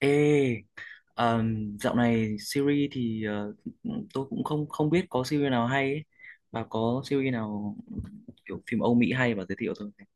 Ê, dạo này series thì tôi cũng không không biết có series nào hay ấy. Bà có series nào kiểu phim Âu Mỹ hay bà giới thiệu tôi với.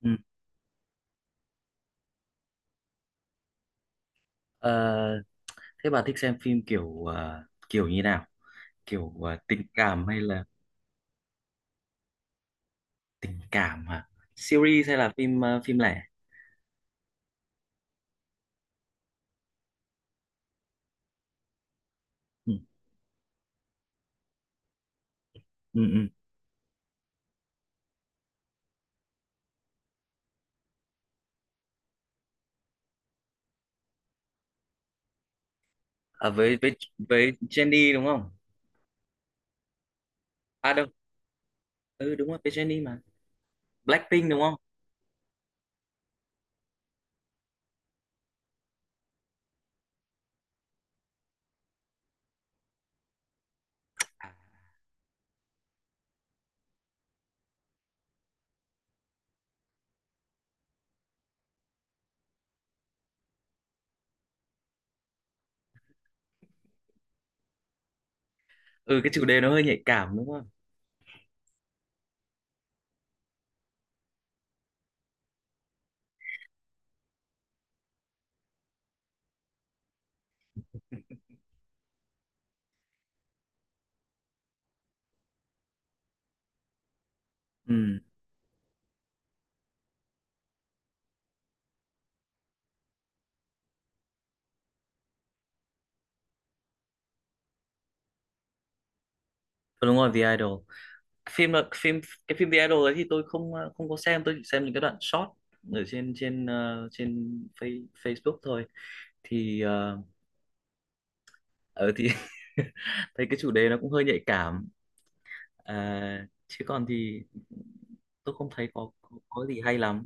Ừ. Ờ, thế bà thích xem phim kiểu kiểu như nào? Kiểu tình cảm hay là tình cảm hả? Series hay là phim phim lẻ? Ừ. Ừ, ừ. À, với với Jennie đúng không? À đâu, ừ đúng rồi với Jennie mà. Blackpink đúng không? À, ừ cái chủ đề nó hơi nhạy cảm đúng không? Ừ, đúng rồi, The Idol. Phim là phim cái phim The Idol đấy thì tôi không không có xem, tôi chỉ xem những cái đoạn short ở trên trên trên face, Facebook thôi thì ờ ở thì thấy cái chủ đề nó cũng hơi nhạy cảm à, chứ còn thì tôi không thấy có gì hay lắm.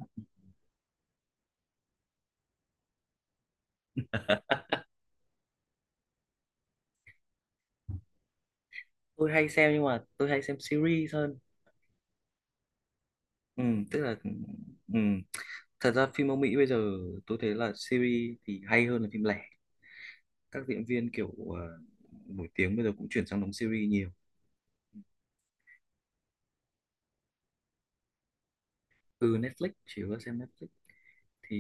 Tôi hay xem nhưng mà tôi hay xem series hơn, ừ, tức là, ừ. Thật ra phim Âu Mỹ bây giờ tôi thấy là series thì hay hơn là phim lẻ, các diễn viên kiểu ờ, nổi tiếng bây giờ cũng chuyển sang đóng series nhiều. Ừ, Netflix, chỉ có xem Netflix thì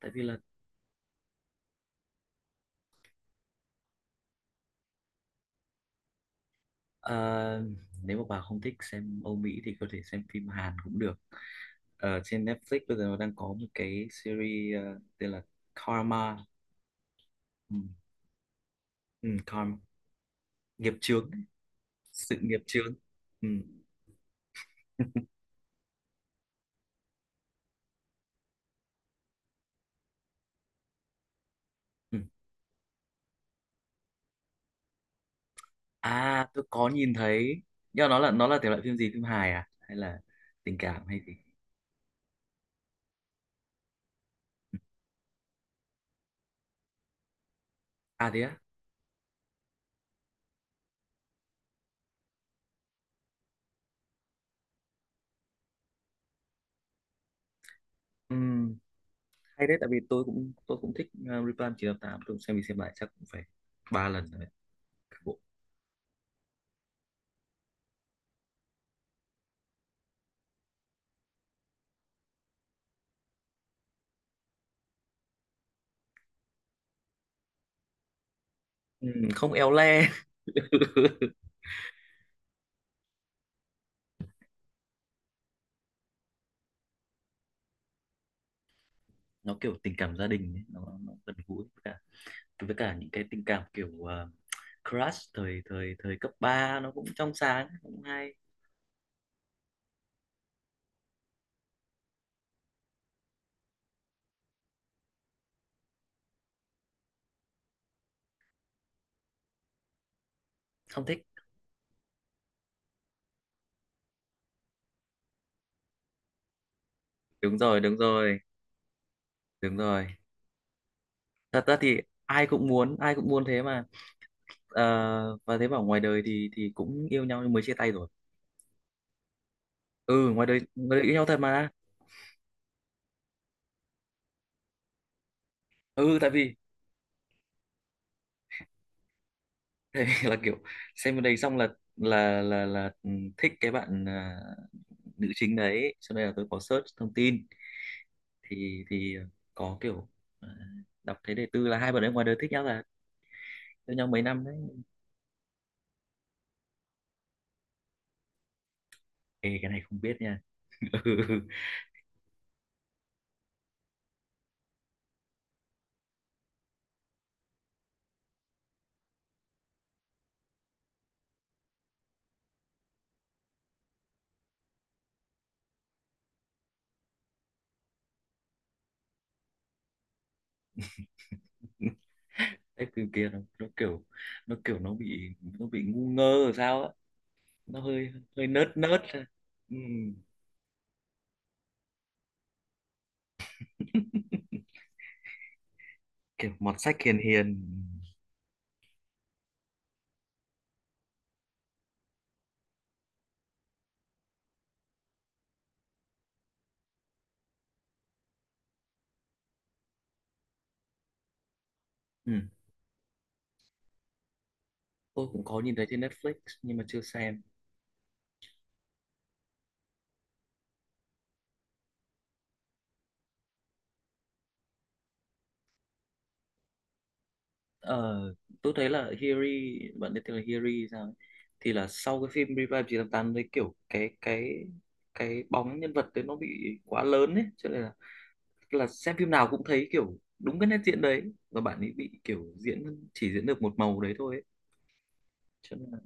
tại vì là ờ, nếu mà bà không thích xem Âu Mỹ thì có thể xem phim Hàn cũng được. Ở trên Netflix bây giờ nó đang có một cái series tên là Karma, ừ, ừ, Karma, nghiệp chướng, sự nghiệp chướng. Ừ. Ừ. À tôi có nhìn thấy nhưng mà nó là thể loại phim gì, phim hài à hay là tình cảm hay gì? À thế á, ừ, hay đấy tại vì tôi cũng thích Reply 988, tôi cũng xem đi xem lại chắc cũng phải 3 lần rồi. Ừ, không éo le. Nó kiểu tình cảm gia đình ấy, nó gần gũi với cả những cái tình cảm kiểu crush thời thời thời cấp ba, nó cũng trong sáng cũng hay. Không thích. Đúng rồi, đúng rồi, đúng rồi. Thật ra thì ai cũng muốn, ai cũng muốn thế mà. Ờ, và thế bảo ngoài đời thì cũng yêu nhau nhưng mới chia tay rồi. Ừ, ngoài đời yêu nhau thật mà. Ừ tại vì tại vì là kiểu xem bên đấy xong là là ừ, thích cái bạn à, nữ chính đấy cho nên là tôi có search thông tin thì có kiểu à, đọc thấy đề tư là hai bạn ấy ngoài đời thích nhau là yêu nhau mấy năm đấy. Ê, cái này không biết nha. Cái từ kia nó kiểu nó bị ngu ngơ rồi sao á, nó hơi hơi nớt nớt. Ừ. Kiểu mọt sách hiền hiền. Ừ. Tôi cũng có nhìn thấy trên Netflix nhưng mà chưa xem. Ờ, tôi thấy là Hiri, bạn biết tên là Hiri sao ấy. Thì là sau cái phim Revive 988 đấy kiểu cái bóng nhân vật đấy nó bị quá lớn ấy cho nên là xem phim nào cũng thấy kiểu đúng cái nét diễn đấy, và bạn ấy bị kiểu diễn chỉ diễn được một màu đấy thôi ấy. Cho nên là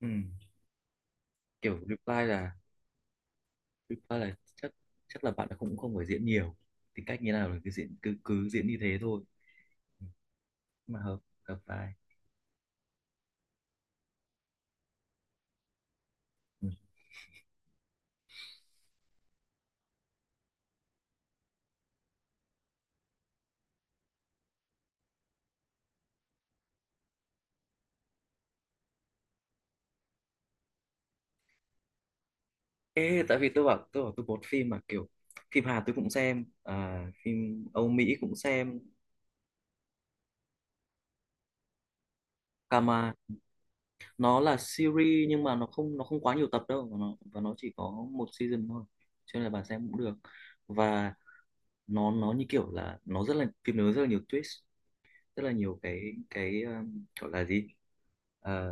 ừ, kiểu Reply là chắc chắc là bạn ấy cũng không phải diễn nhiều, tính cách như nào là cứ diễn cứ cứ diễn như thế thôi. Ừ, mà hợp hợp vai. Ừ. Ê, tại vì tôi bảo tôi bột phim mà kiểu phim Hàn tôi cũng xem à, phim Âu Mỹ cũng xem cả mà nó là series nhưng mà nó không quá nhiều tập đâu, và nó chỉ có một season thôi cho nên là bà xem cũng được. Và nó như kiểu là nó rất là phim, nó rất là nhiều twist, rất là nhiều cái gọi là gì? Ờ,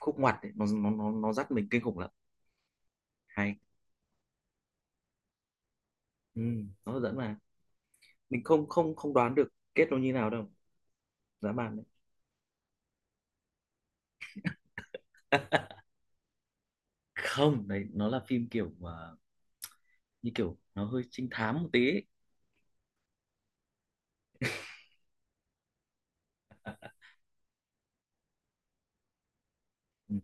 khúc ngoặt ấy. Nó, nó dắt mình kinh khủng lắm, hay. Ừ, nó hấp dẫn mà mình không không không đoán được kết nó như nào đâu, dã man đấy. Không đấy, nó là phim kiểu mà như kiểu nó hơi trinh thám một tí ấy. Ừ.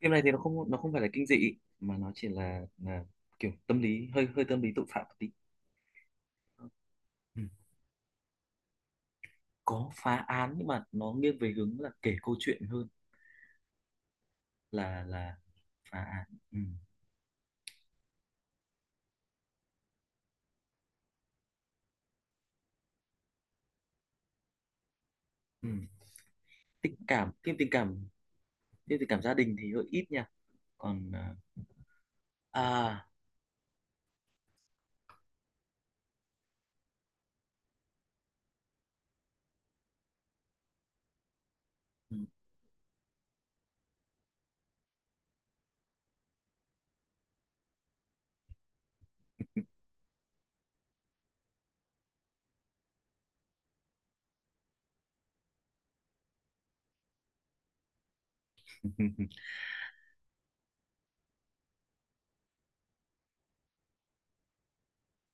Phim này thì nó không phải là kinh dị mà nó chỉ là kiểu tâm lý hơi hơi tâm lý tội phạm một tí. Ừ. Có phá án nhưng mà nó nghiêng về hướng là kể câu chuyện hơn là phá án. Ừ. Ừ. Tình cảm, phim tình cảm, phim tình cảm gia đình thì hơi ít nha, còn à à,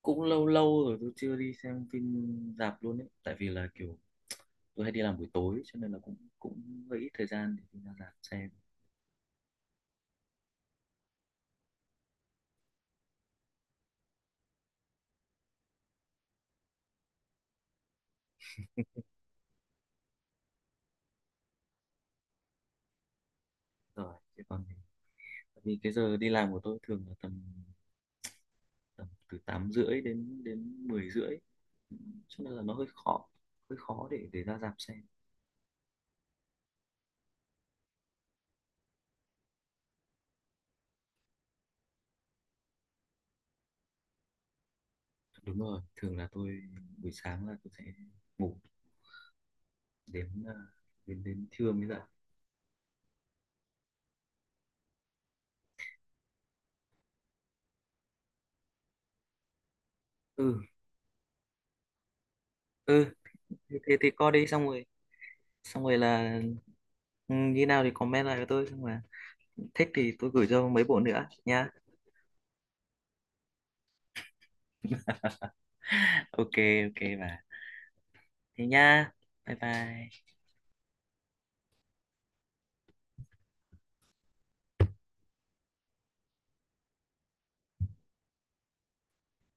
cũng lâu lâu rồi tôi chưa đi xem phim rạp luôn ấy tại vì là kiểu tôi hay đi làm buổi tối cho nên là cũng cũng hơi ít thời gian để đi ra rạp xem rồi chứ còn thì- tại vì cái giờ đi làm của tôi thường là tầm tầm từ 8 rưỡi đến đến 10 rưỡi cho nên là nó hơi khó, hơi khó để ra rạp xem. Đúng rồi, thường là tôi buổi sáng là tôi sẽ ngủ đến à, đến đến trưa mới dậy. Ừ, ừ, thì coi đi xong rồi là ừ, như nào thì comment lại với tôi xong mà thích thì tôi gửi cho mấy bộ nữa nha. Ok, ok bà, thế nha, bye bye.